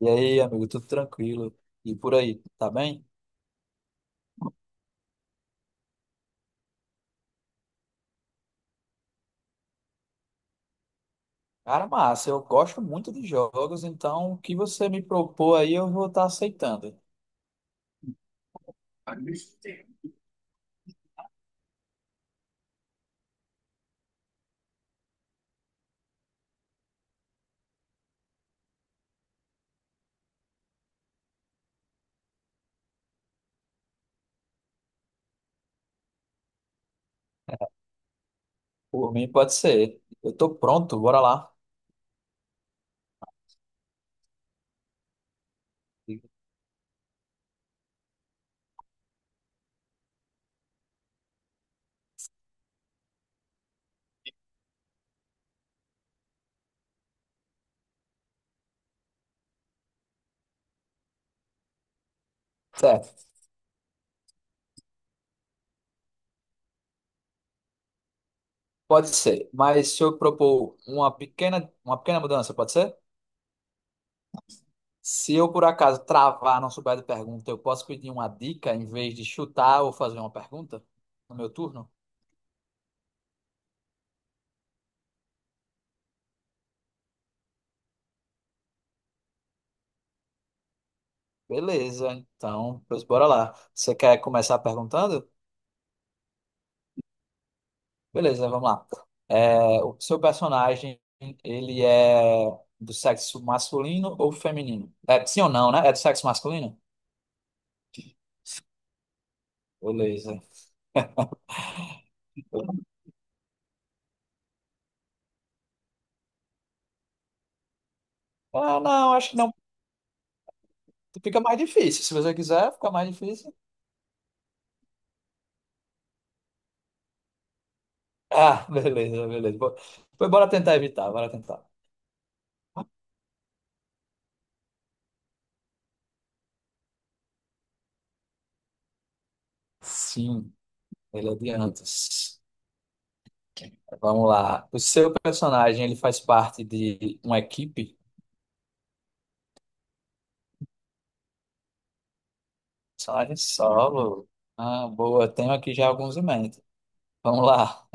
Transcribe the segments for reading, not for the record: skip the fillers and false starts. E aí, amigo, tudo tranquilo? E por aí, tá bem? Cara, massa, eu gosto muito de jogos, então o que você me propor aí eu vou estar aceitando. Por mim, pode ser. Eu tô pronto, bora lá. Certo, pode ser. Mas se eu propor uma pequena mudança, pode ser? Se eu por acaso travar, não souber de pergunta, eu posso pedir uma dica em vez de chutar ou fazer uma pergunta no meu turno? Beleza, então, pois bora lá. Você quer começar perguntando? Beleza, vamos lá. É, o seu personagem, ele é do sexo masculino ou feminino? É, sim ou não, né? É do sexo masculino? Beleza. Ah, não, acho que não. Fica mais difícil. Se você quiser, fica mais difícil. Ah, beleza, beleza. Pois bora tentar evitar, bora tentar. Sim, ele é de antes. Vamos lá. O seu personagem, ele faz parte de uma equipe? Personagem solo. Ah, boa. Tenho aqui já alguns em mente. Vamos lá.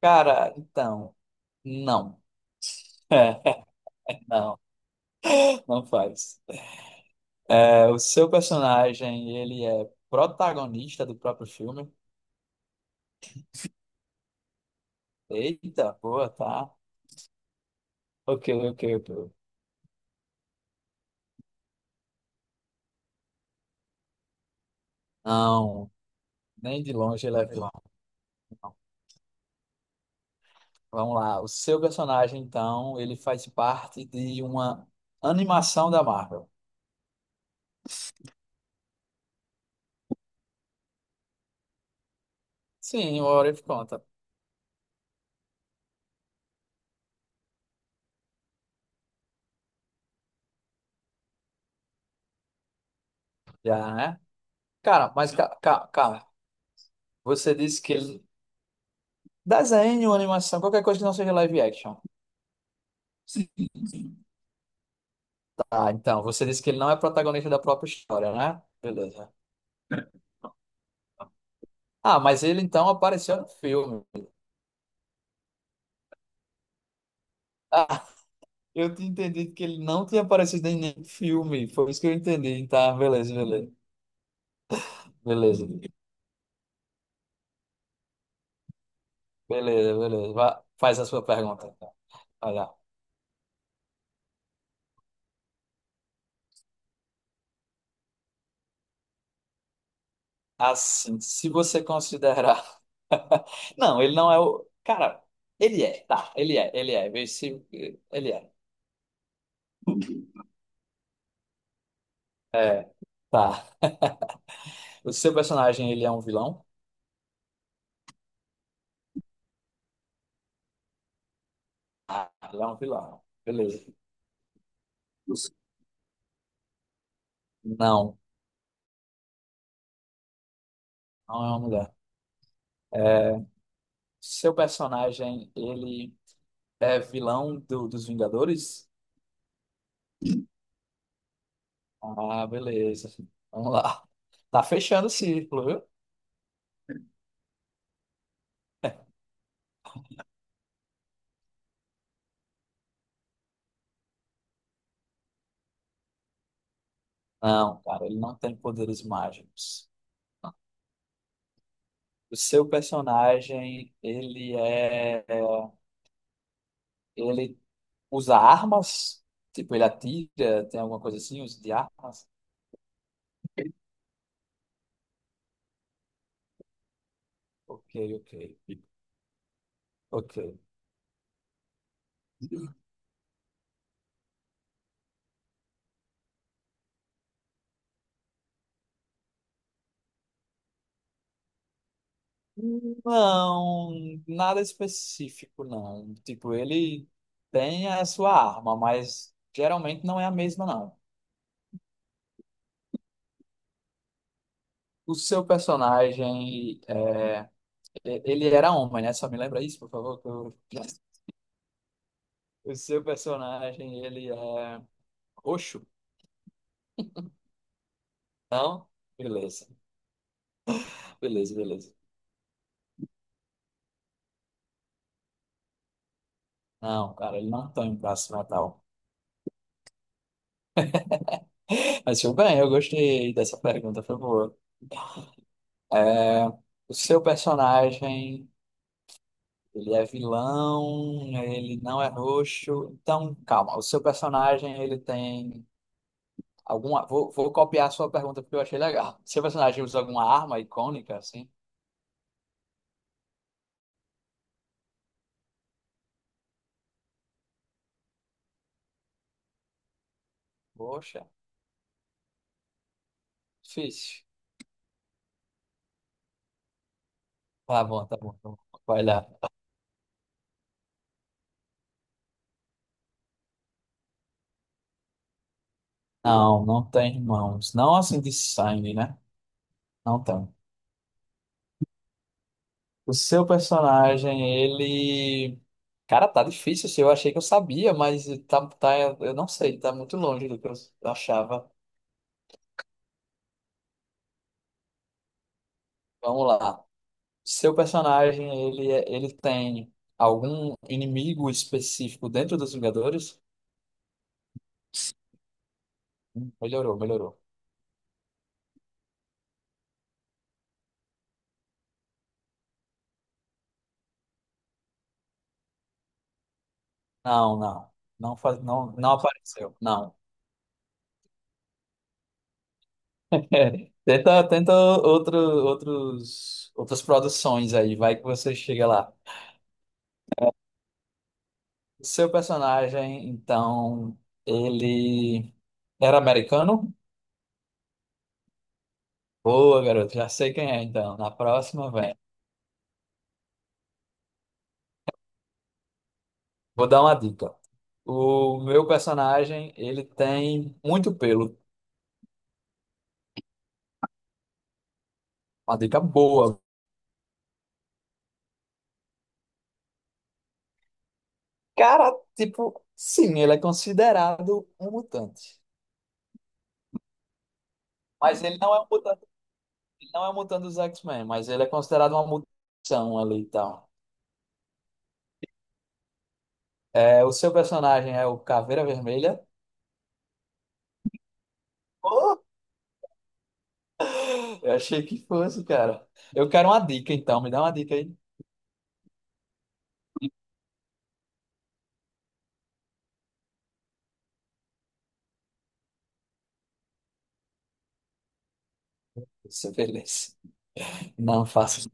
Cara, então, não. Não, não faz. É, o seu personagem, ele é protagonista do próprio filme. Eita, boa, tá? Ok, ok, ok. Não, nem de longe ele é vilão. Vamos lá. O seu personagem, então, ele faz parte de uma animação da Marvel. Sim, o Orif conta. Já, né? Cara, mas, cara, você disse que ele... Desenho, animação, qualquer coisa que não seja live action. Ah, então, você disse que ele não é protagonista da própria história, né? Beleza. Ah, mas ele então apareceu no filme. Ah, eu tinha entendido que ele não tinha aparecido em nenhum filme. Foi isso que eu entendi. Tá, beleza, beleza. Beleza, beleza, beleza. Vá, faz a sua pergunta então. Olha, assim, se você considerar. Não, ele não é o. Cara, ele é, tá, ele é, ele é. Vê se. Ele é. É, tá. O seu personagem, ele é um vilão? Ah, ele é um vilão. Beleza. Não, não é uma mulher. É, seu personagem, ele é dos Vingadores? Ah, beleza. Vamos lá. Tá fechando o círculo, viu? Não, cara, ele não tem poderes mágicos. O seu personagem, ele é, ele usa armas? Tipo, ele atira, tem alguma coisa assim, uso de armas? Ok, ok, ok. Não, nada específico, não. Tipo, ele tem a sua arma, mas geralmente não é a mesma, não. O seu personagem, é, ele era homem, né? Só me lembra isso, por favor. O seu personagem, ele é roxo? Não? Beleza, beleza, beleza. Não, cara, ele não tem um braço metal. Mas tudo bem, eu gostei dessa pergunta, por favor. É, o seu personagem. Ele é vilão, ele não é roxo. Então, calma. O seu personagem, ele tem alguma. Vou copiar a sua pergunta porque eu achei legal. Seu personagem usa alguma arma icônica, assim? Poxa, difícil. Tá bom, tá bom, tá bom. Vai lá. Não, não tem irmãos. Não assim de sangue, né? Não tem. O seu personagem, ele. Cara, tá difícil assim. Eu achei que eu sabia, mas tá, tá, eu não sei. Tá muito longe do que eu achava. Vamos lá. Seu personagem, ele, ele tem algum inimigo específico dentro dos Vingadores? Melhorou, melhorou. Não, não. Não, faz, não, não apareceu. Não. Tenta, tenta outro, outros, outras produções aí, vai que você chega lá. Seu personagem, então, ele era americano? Boa, garoto, já sei quem é, então. Na próxima, vem. Vou dar uma dica. O meu personagem, ele tem muito pelo. Uma dica boa. Cara, tipo, sim, ele é considerado um mutante. Mas ele não é um mutante, ele não é um mutante dos X-Men, mas ele é considerado uma mutação ali e tal. É, o seu personagem é o Caveira Vermelha? Oh, eu achei que fosse, cara. Eu quero uma dica, então. Me dá uma dica aí. Isso, beleza. Não faço.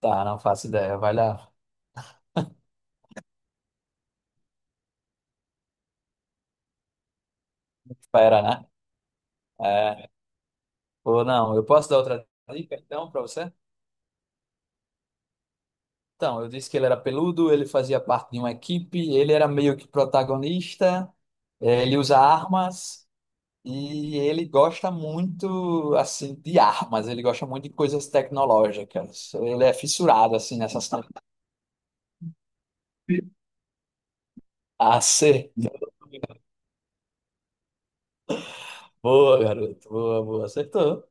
Tá, não faço ideia. Vai lá. Espera, né? É. Ou não, eu posso dar outra dica, então, pra você? Então, eu disse que ele era peludo, ele fazia parte de uma equipe, ele era meio que protagonista, ele usa armas e ele gosta muito, assim, de armas, ele gosta muito de coisas tecnológicas. Ele é fissurado, assim, nessas... Acertou. Boa, garoto. Boa, boa. Acertou.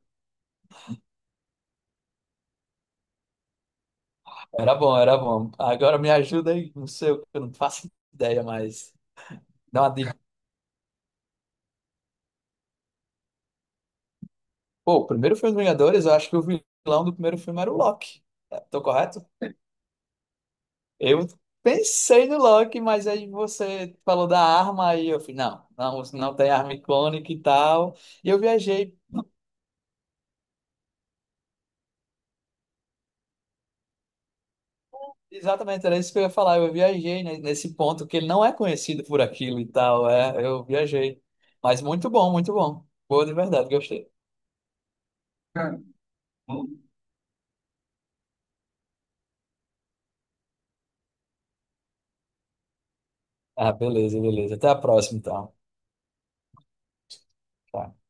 Era bom, era bom. Agora me ajuda aí, não sei, eu não faço ideia, mas dá uma dica. Pô, o primeiro filme dos Vingadores, eu acho que o vilão do primeiro filme era o Loki. É, tô correto? Eu pensei no Loki, mas aí você falou da arma aí eu falei, não, não, não tem arma icônica e tal. E eu viajei, exatamente, era isso que eu ia falar. Eu viajei nesse ponto que ele não é conhecido por aquilo e tal. É, eu viajei. Mas muito bom, muito bom. Boa de verdade, gostei. Cara, ah, beleza, beleza. Até a próxima, então. Tchau.